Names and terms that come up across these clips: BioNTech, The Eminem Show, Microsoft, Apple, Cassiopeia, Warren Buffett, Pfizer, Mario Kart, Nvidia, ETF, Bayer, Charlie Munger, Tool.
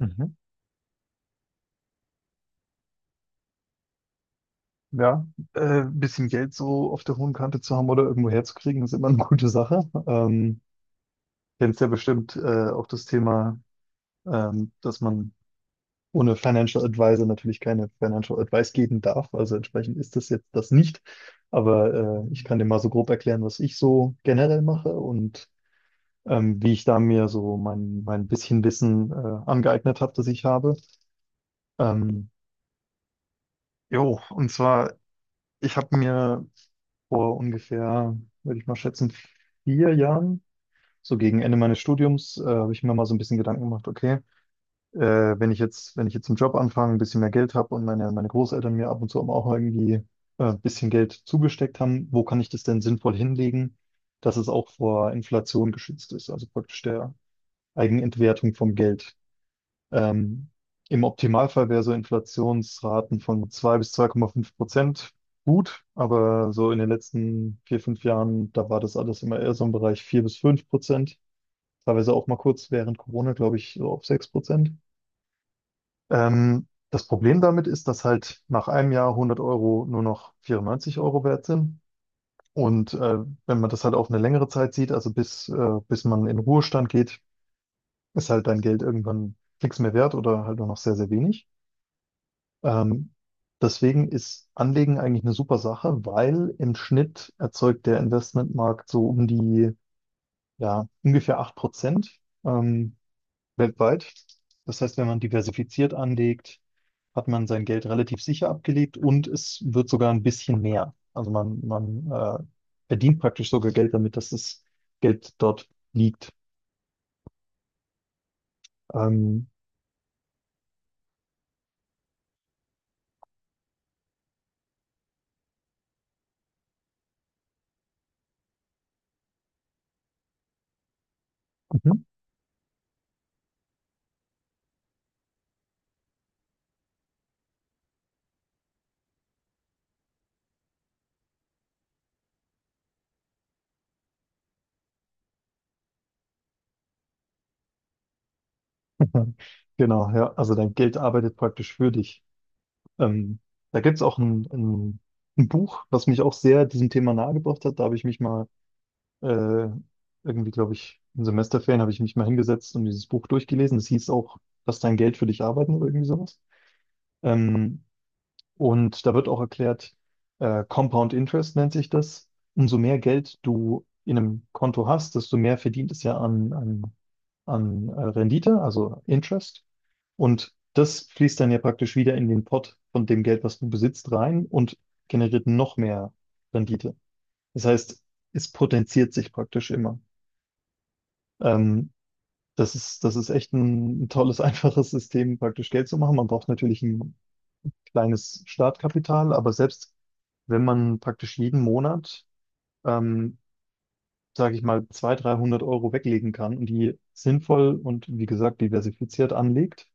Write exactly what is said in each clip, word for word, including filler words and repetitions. Mhm. Ja, äh, bisschen Geld so auf der hohen Kante zu haben oder irgendwo herzukriegen, ist immer eine gute Sache. Ähm, kennst ja bestimmt äh, auch das Thema, ähm, dass man ohne Financial Advisor natürlich keine Financial Advice geben darf. Also entsprechend ist das jetzt das nicht. Aber äh, ich kann dir mal so grob erklären, was ich so generell mache und ähm, wie ich da mir so mein, mein bisschen Wissen äh, angeeignet habe, das ich habe. Ähm, jo, und zwar ich habe mir vor ungefähr, würde ich mal schätzen, vier Jahren, so gegen Ende meines Studiums, äh, habe ich mir mal so ein bisschen Gedanken gemacht. Okay, äh, wenn ich jetzt, wenn ich jetzt einen Job anfange, ein bisschen mehr Geld habe und meine, meine Großeltern mir ab und zu auch irgendwie äh, ein bisschen Geld zugesteckt haben, wo kann ich das denn sinnvoll hinlegen, dass es auch vor Inflation geschützt ist, also praktisch der Eigenentwertung vom Geld. Ähm, im Optimalfall wäre so Inflationsraten von zwei bis zwei Komma fünf Prozent gut, aber so in den letzten vier, fünf Jahren, da war das alles immer eher so im Bereich vier bis fünf Prozent, teilweise auch mal kurz während Corona, glaube ich, so auf sechs Prozent. Ähm, das Problem damit ist, dass halt nach einem Jahr hundert Euro nur noch vierundneunzig Euro wert sind. Und äh, wenn man das halt auf eine längere Zeit sieht, also bis, äh, bis man in Ruhestand geht, ist halt dein Geld irgendwann nichts mehr wert oder halt nur noch sehr, sehr wenig. Ähm, deswegen ist Anlegen eigentlich eine super Sache, weil im Schnitt erzeugt der Investmentmarkt so um die, ja, ungefähr acht Prozent ähm, weltweit. Das heißt, wenn man diversifiziert anlegt, hat man sein Geld relativ sicher abgelegt und es wird sogar ein bisschen mehr. Also man, man äh, verdient praktisch sogar Geld damit, dass das Geld dort liegt. Ähm, mhm. Genau, ja. Also dein Geld arbeitet praktisch für dich. Ähm, da gibt es auch ein, ein, ein Buch, was mich auch sehr diesem Thema nahegebracht hat. Da habe ich mich mal äh, irgendwie, glaube ich, in Semesterferien habe ich mich mal hingesetzt und dieses Buch durchgelesen. Das hieß auch, dass dein Geld für dich arbeiten oder irgendwie sowas. Ähm, und da wird auch erklärt, äh, Compound Interest nennt sich das. Umso mehr Geld du in einem Konto hast, desto mehr verdient es ja an, an, an äh, Rendite, also Interest. Und das fließt dann ja praktisch wieder in den Pot von dem Geld, was du besitzt, rein und generiert noch mehr Rendite. Das heißt, es potenziert sich praktisch immer. Ähm, das ist, das ist echt ein, ein tolles, einfaches System, praktisch Geld zu machen. Man braucht natürlich ein kleines Startkapital, aber selbst wenn man praktisch jeden Monat, ähm, sage ich mal, zweihundert, dreihundert Euro weglegen kann und die sinnvoll und wie gesagt diversifiziert anlegt,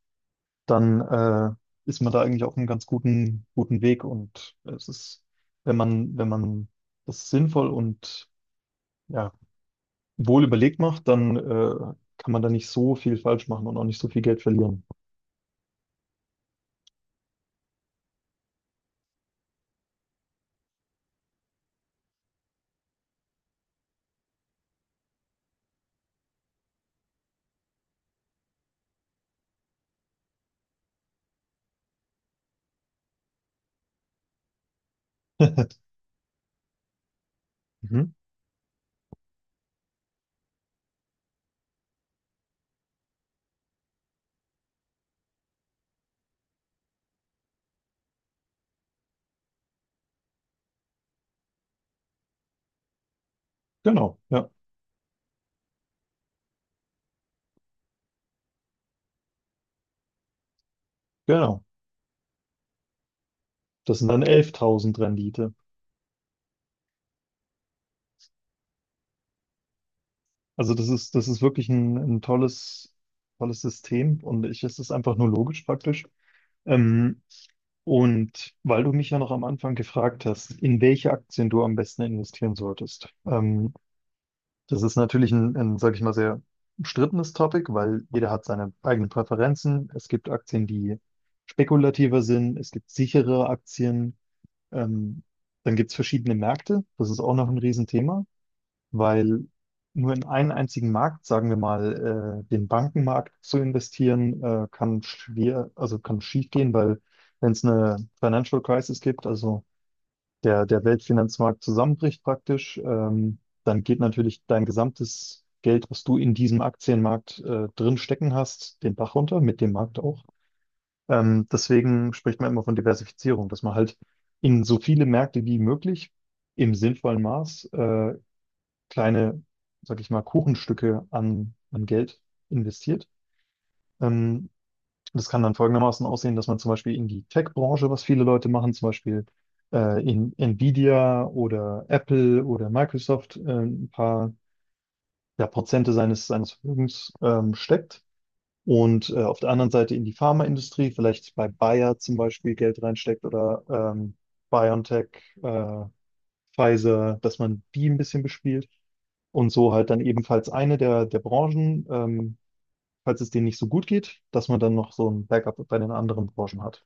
dann äh, ist man da eigentlich auf einem ganz guten, guten Weg. Und es ist, wenn man, wenn man das sinnvoll und ja, wohl überlegt macht, dann äh, kann man da nicht so viel falsch machen und auch nicht so viel Geld verlieren. Mhm. Genau, ja, genau. Das sind dann elftausend Rendite. Also das ist, das ist wirklich ein, ein tolles, tolles System und ich, es ist einfach nur logisch praktisch. Ähm, Und weil du mich ja noch am Anfang gefragt hast, in welche Aktien du am besten investieren solltest, ähm, das ist natürlich ein, ein, sag ich mal, sehr umstrittenes Topic, weil jeder hat seine eigenen Präferenzen. Es gibt Aktien, die spekulativer sind, es gibt sichere Aktien, ähm, dann gibt es verschiedene Märkte, das ist auch noch ein Riesenthema, weil nur in einen einzigen Markt, sagen wir mal, äh, den Bankenmarkt zu investieren, äh, kann schwer, also kann schief gehen, weil, wenn es eine Financial Crisis gibt, also der, der Weltfinanzmarkt zusammenbricht praktisch, ähm, dann geht natürlich dein gesamtes Geld, was du in diesem Aktienmarkt äh, drin stecken hast, den Bach runter, mit dem Markt auch. Ähm, deswegen spricht man immer von Diversifizierung, dass man halt in so viele Märkte wie möglich im sinnvollen Maß äh, kleine, sag ich mal, Kuchenstücke an, an Geld investiert. Ähm, das kann dann folgendermaßen aussehen, dass man zum Beispiel in die Tech-Branche, was viele Leute machen, zum Beispiel äh, in Nvidia oder Apple oder Microsoft äh, ein paar, ja, Prozente seines, seines Vermögens ähm, steckt. Und äh, auf der anderen Seite in die Pharmaindustrie, vielleicht bei Bayer zum Beispiel Geld reinsteckt oder ähm, BioNTech, äh, Pfizer, dass man die ein bisschen bespielt. Und so halt dann ebenfalls eine der, der Branchen, ähm, falls es denen nicht so gut geht, dass man dann noch so ein Backup bei den anderen Branchen hat.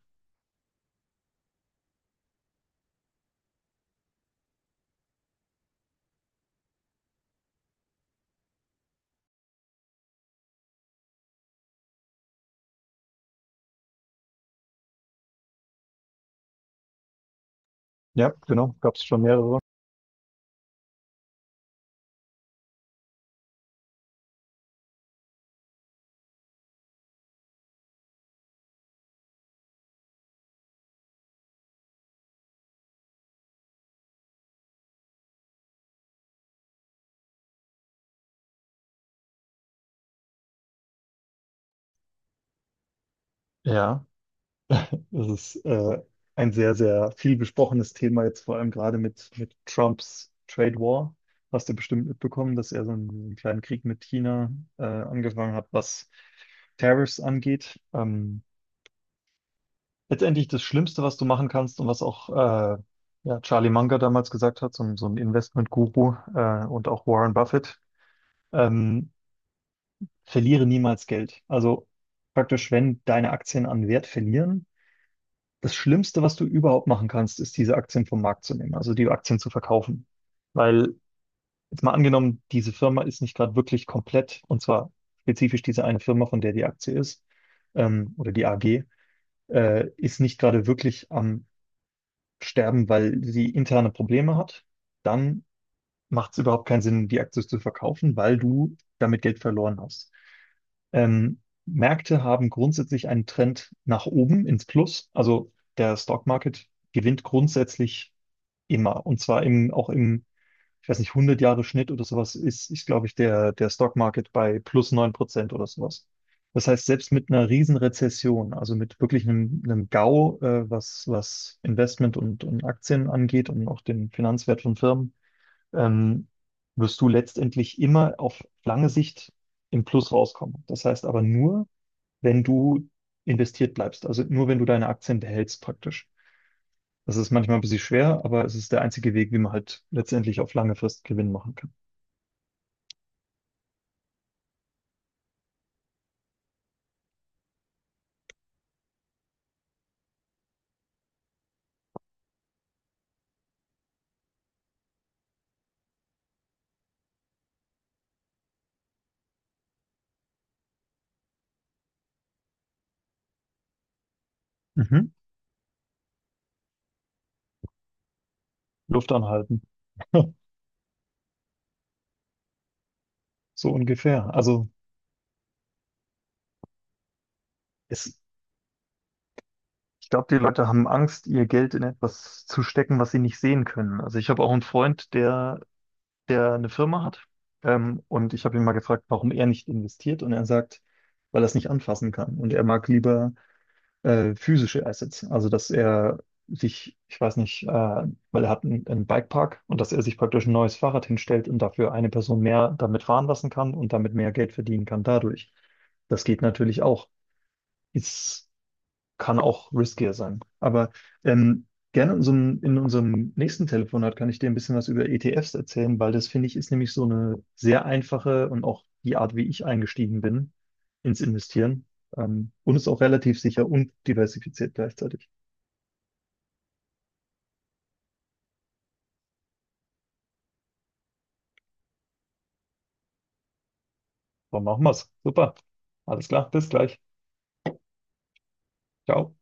Ja, genau, gab es schon mehrere. Ja, das ist äh, ein sehr, sehr viel besprochenes Thema jetzt, vor allem gerade mit, mit Trumps Trade War. Hast du bestimmt mitbekommen, dass er so einen, einen kleinen Krieg mit China äh, angefangen hat, was Tariffs angeht. Ähm, letztendlich das Schlimmste, was du machen kannst und was auch äh, ja, Charlie Munger damals gesagt hat, so, ein- so ein Investment-Guru äh, und auch Warren Buffett, ähm, verliere niemals Geld. Also praktisch, wenn deine Aktien an Wert verlieren, das Schlimmste, was du überhaupt machen kannst, ist, diese Aktien vom Markt zu nehmen, also die Aktien zu verkaufen. Weil, jetzt mal angenommen, diese Firma ist nicht gerade wirklich komplett, und zwar spezifisch diese eine Firma, von der die Aktie ist, ähm, oder die A G, äh, ist nicht gerade wirklich am Sterben, weil sie interne Probleme hat, dann macht es überhaupt keinen Sinn, die Aktie zu verkaufen, weil du damit Geld verloren hast. Ähm, Märkte haben grundsätzlich einen Trend nach oben ins Plus. Also der Stock Market gewinnt grundsätzlich immer, und zwar im, auch im, ich weiß nicht, hundert Jahre Schnitt oder sowas, ist, ist glaube ich, der, der Stock Market bei plus neun Prozent oder sowas. Das heißt, selbst mit einer Riesenrezession, also mit wirklich einem, einem GAU, äh, was, was Investment und, und Aktien angeht und auch den Finanzwert von Firmen, ähm, wirst du letztendlich immer auf lange Sicht im Plus rauskommen. Das heißt aber nur, wenn du investiert bleibst, also nur wenn du deine Aktien behältst praktisch. Das ist manchmal ein bisschen schwer, aber es ist der einzige Weg, wie man halt letztendlich auf lange Frist Gewinn machen kann. Mhm. Luft anhalten. So ungefähr. Also es, ich glaube, die Leute haben Angst, ihr Geld in etwas zu stecken, was sie nicht sehen können. Also ich habe auch einen Freund, der, der eine Firma hat. Ähm, und ich habe ihn mal gefragt, warum er nicht investiert. Und er sagt, weil er es nicht anfassen kann. Und er mag lieber äh, physische Assets. Also, dass er sich, ich weiß nicht, äh, weil er hat einen, einen Bikepark und dass er sich praktisch ein neues Fahrrad hinstellt und dafür eine Person mehr damit fahren lassen kann und damit mehr Geld verdienen kann dadurch. Das geht natürlich auch. Ist kann auch riskier sein. Aber ähm, gerne in unserem, in unserem nächsten Telefonat kann ich dir ein bisschen was über E T Fs erzählen, weil das finde ich ist nämlich so eine sehr einfache und auch die Art, wie ich eingestiegen bin ins Investieren. Ähm, und ist auch relativ sicher und diversifiziert gleichzeitig. So machen wir's. Super. Alles klar. Bis gleich. Ciao.